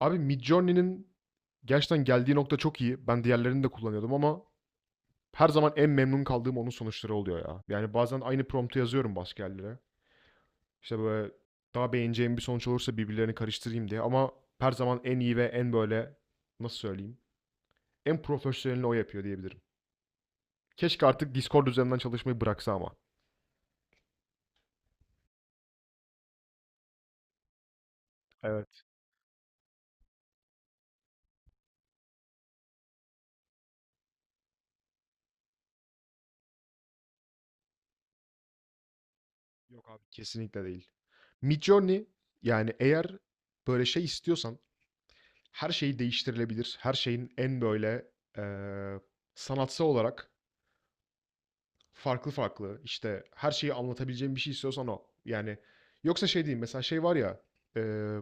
Abi Midjourney'nin gerçekten geldiği nokta çok iyi. Ben diğerlerini de kullanıyordum ama her zaman en memnun kaldığım onun sonuçları oluyor ya. Yani bazen aynı promptu yazıyorum başka yerlere. İşte böyle daha beğeneceğim bir sonuç olursa birbirlerini karıştırayım diye ama her zaman en iyi ve en böyle nasıl söyleyeyim? En profesyonelini o yapıyor diyebilirim. Keşke artık Discord üzerinden çalışmayı bıraksa ama. Evet. Yok abi kesinlikle değil. Midjourney yani eğer böyle şey istiyorsan her şey değiştirilebilir. Her şeyin en böyle eee, sanatsal olarak farklı farklı işte her şeyi anlatabileceğin bir şey istiyorsan o. Yani yoksa şey değil mesela şey var ya eee,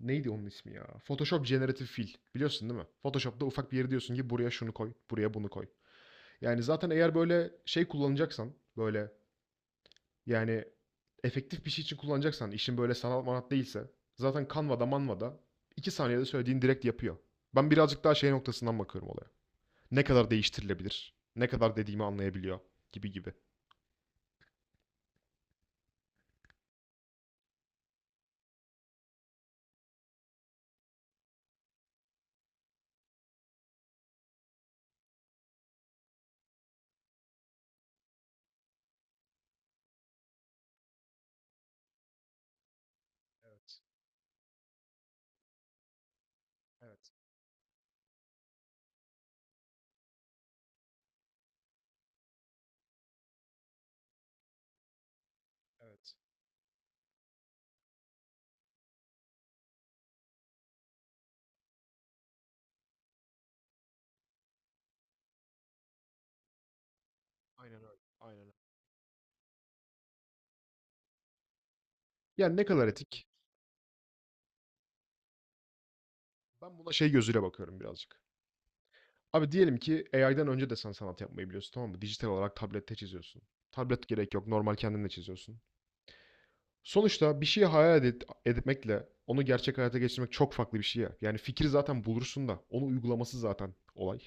neydi onun ismi ya? Photoshop Generative Fill biliyorsun değil mi? Photoshop'ta ufak bir yeri diyorsun ki buraya şunu koy, buraya bunu koy. Yani zaten eğer böyle şey kullanacaksan, böyle yani efektif bir şey için kullanacaksan, işin böyle sanat manat değilse, zaten Canva'da Manva'da 2 saniyede söylediğin direkt yapıyor. Ben birazcık daha şey noktasından bakıyorum olaya ne kadar değiştirilebilir, ne kadar dediğimi anlayabiliyor gibi gibi. Evet, evet, evet. Aynen öyle. Aynen öyle. Yani ne kadar etik? Ben buna şey gözüyle bakıyorum birazcık. Abi diyelim ki AI'den önce de sen sanat yapmayı biliyorsun tamam mı? Dijital olarak tablette çiziyorsun. Tablet gerek yok. Normal kendin de çiziyorsun. Sonuçta bir şeyi hayal edip, etmekle onu gerçek hayata geçirmek çok farklı bir şey ya. Yani fikri zaten bulursun da onu uygulaması zaten olay.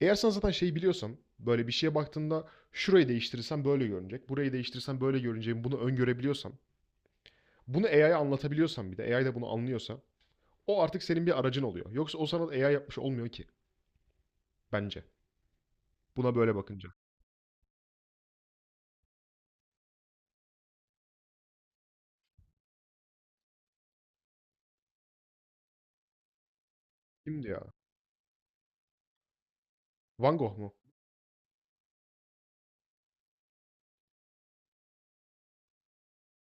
Eğer sen zaten şeyi biliyorsan böyle bir şeye baktığında şurayı değiştirirsem böyle görünecek. Burayı değiştirirsem böyle görüneceğini bunu öngörebiliyorsan. Bunu AI'ye anlatabiliyorsan bir de AI de bunu anlıyorsa o artık senin bir aracın oluyor. Yoksa o sanat AI yapmış olmuyor ki bence. Buna böyle bakınca. Kimdi ya? Van Gogh mu?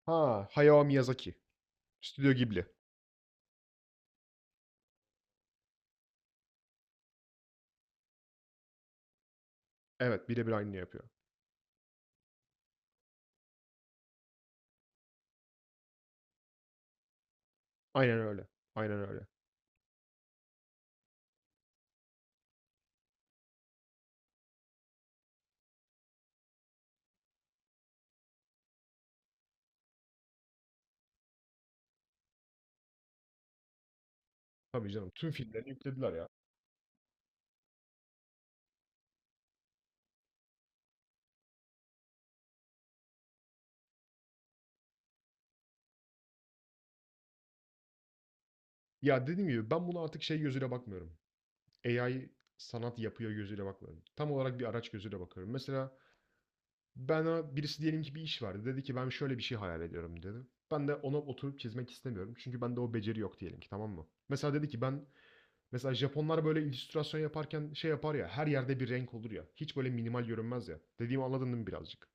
Ha, Hayao Miyazaki. Stüdyo Ghibli. Evet, birebir aynı yapıyor. Aynen öyle. Aynen öyle. Tabii canım. Tüm filmlerini yüklediler ya. Ya dediğim gibi ben bunu artık şey gözüyle bakmıyorum. AI sanat yapıyor gözüyle bakmıyorum. Tam olarak bir araç gözüyle bakıyorum. Mesela bana birisi diyelim ki bir iş verdi. Dedi ki ben şöyle bir şey hayal ediyorum dedi. Ben de ona oturup çizmek istemiyorum. Çünkü bende o beceri yok diyelim ki tamam mı? Mesela dedi ki ben mesela Japonlar böyle illüstrasyon yaparken şey yapar ya her yerde bir renk olur ya. Hiç böyle minimal görünmez ya. Dediğimi anladın değil mi birazcık?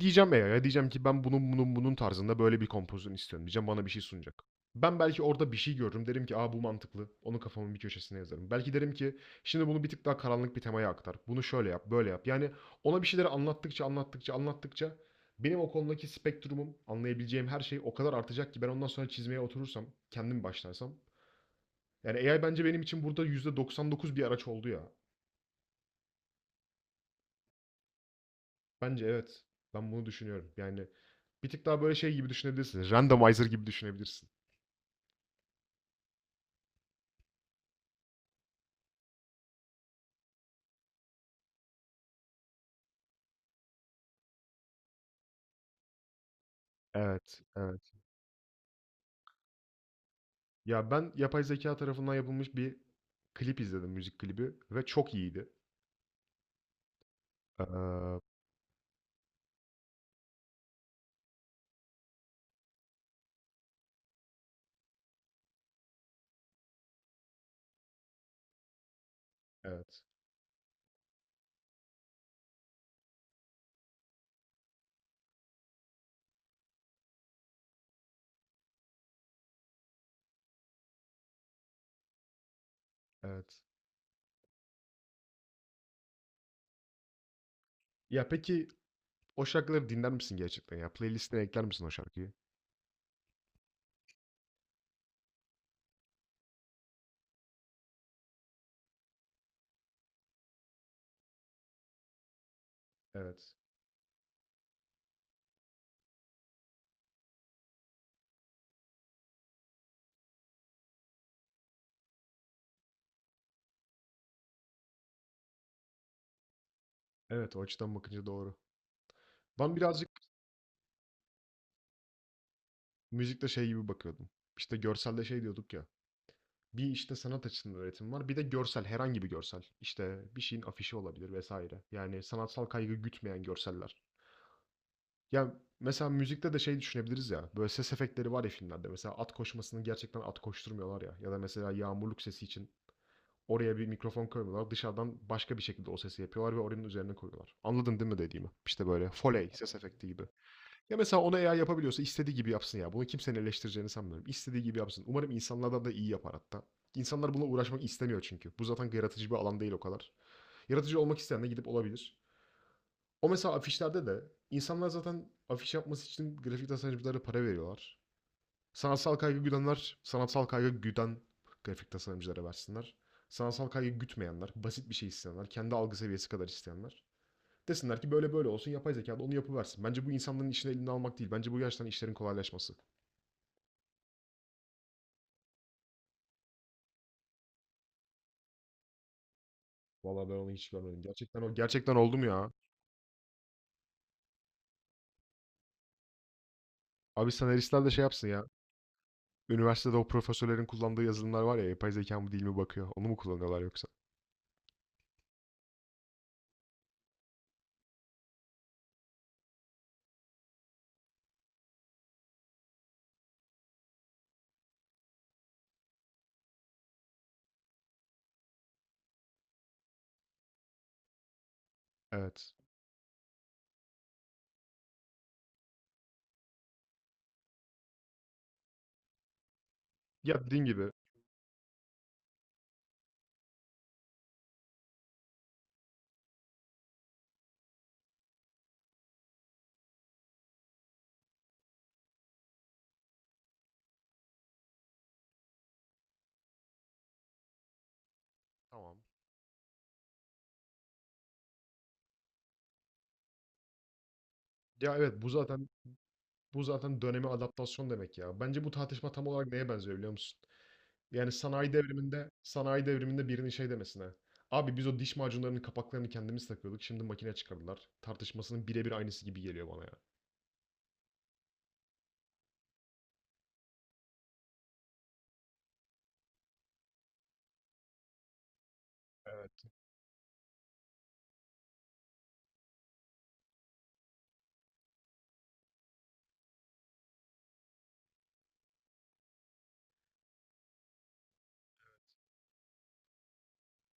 Diyeceğim AI'ya, diyeceğim ki ben bunun tarzında böyle bir kompozisyon istiyorum diyeceğim. Bana bir şey sunacak. Ben belki orada bir şey görürüm. Derim ki aa bu mantıklı. Onu kafamın bir köşesine yazarım. Belki derim ki şimdi bunu bir tık daha karanlık bir temaya aktar. Bunu şöyle yap, böyle yap. Yani ona bir şeyleri anlattıkça, anlattıkça, anlattıkça benim o konudaki spektrumum, anlayabileceğim her şey o kadar artacak ki ben ondan sonra çizmeye oturursam, kendim başlarsam. Yani AI bence benim için burada %99 bir araç oldu ya. Bence evet. Ben bunu düşünüyorum. Yani bir tık daha böyle şey gibi düşünebilirsin. Randomizer gibi düşünebilirsin. Evet, evet. Ya ben yapay zeka tarafından yapılmış bir klip izledim, müzik klibi ve çok iyiydi. Eee Evet, evet. Ya peki o şarkıları dinler misin gerçekten ya? Playlist'ine ekler misin o şarkıyı? Evet. Evet, o açıdan bakınca doğru. Ben birazcık müzikte şey gibi bakıyordum. İşte görselde şey diyorduk ya. Bir işte sanat açısından üretim var. Bir de görsel, herhangi bir görsel. İşte bir şeyin afişi olabilir vesaire. Yani sanatsal kaygı gütmeyen görseller. Ya mesela müzikte de şey düşünebiliriz ya. Böyle ses efektleri var ya filmlerde. Mesela at koşmasını gerçekten at koşturmuyorlar ya. Ya da mesela yağmurluk sesi için oraya bir mikrofon koymuyorlar. Dışarıdan başka bir şekilde o sesi yapıyorlar ve oranın üzerine koyuyorlar. Anladın değil mi dediğimi? İşte böyle foley ses efekti gibi. Ya mesela onu eğer yapabiliyorsa istediği gibi yapsın ya. Bunu kimsenin eleştireceğini sanmıyorum. İstediği gibi yapsın. Umarım insanlardan da iyi yapar hatta. İnsanlar bununla uğraşmak istemiyor çünkü. Bu zaten yaratıcı bir alan değil o kadar. Yaratıcı olmak isteyen de gidip olabilir. O mesela afişlerde de insanlar zaten afiş yapması için grafik tasarımcılara para veriyorlar. Sanatsal kaygı güdenler, sanatsal kaygı güden grafik tasarımcılara versinler. Sanatsal kaygı gütmeyenler, basit bir şey isteyenler, kendi algı seviyesi kadar isteyenler. Desinler ki böyle böyle olsun yapay zeka da onu yapıversin. Bence bu insanların işini elinden almak değil. Bence bu gerçekten işlerin kolaylaşması. Vallahi ben onu hiç görmedim. Gerçekten o gerçekten oldu mu ya? Abi senaristler de şey yapsın ya. Üniversitede o profesörlerin kullandığı yazılımlar var ya yapay zeka mı değil mi bakıyor. Onu mu kullanıyorlar yoksa? Evet. Ya, dediğin gibi. Tamam. Ya, evet, bu zaten döneme adaptasyon demek ya. Bence bu tartışma tam olarak neye benziyor biliyor musun? Yani sanayi devriminde birinin şey demesine. Abi biz o diş macunlarının kapaklarını kendimiz takıyorduk. Şimdi makine çıkardılar. Tartışmasının birebir aynısı gibi geliyor bana ya.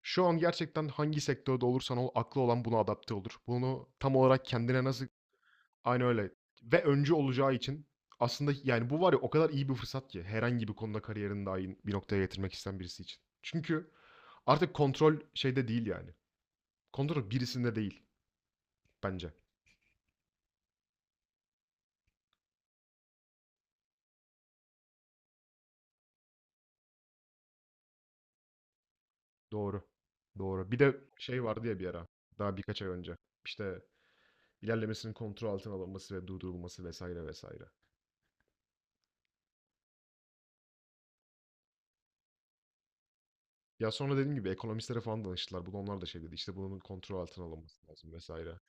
Şu an gerçekten hangi sektörde olursan ol aklı olan buna adapte olur. Bunu tam olarak kendine nasıl... Aynen öyle ve öncü olacağı için aslında yani bu var ya o kadar iyi bir fırsat ki herhangi bir konuda kariyerini dahi bir noktaya getirmek isteyen birisi için. Çünkü artık kontrol şeyde değil yani. Kontrol birisinde değil bence. Doğru. Doğru. Bir de şey vardı ya bir ara daha birkaç ay önce. İşte ilerlemesinin kontrol altına alınması ve durdurulması vesaire vesaire. Ya sonra dediğim gibi ekonomistlere falan danıştılar. Bunu onlar da şey dedi. İşte bunun kontrol altına alınması lazım vesaire.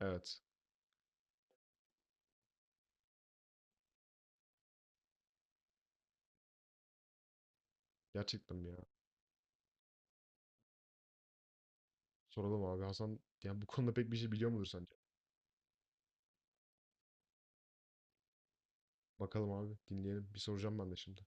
Evet. Gerçekten ya. Soralım abi. Hasan yani bu konuda pek bir şey biliyor mudur sence? Bakalım abi dinleyelim. Bir soracağım ben de şimdi.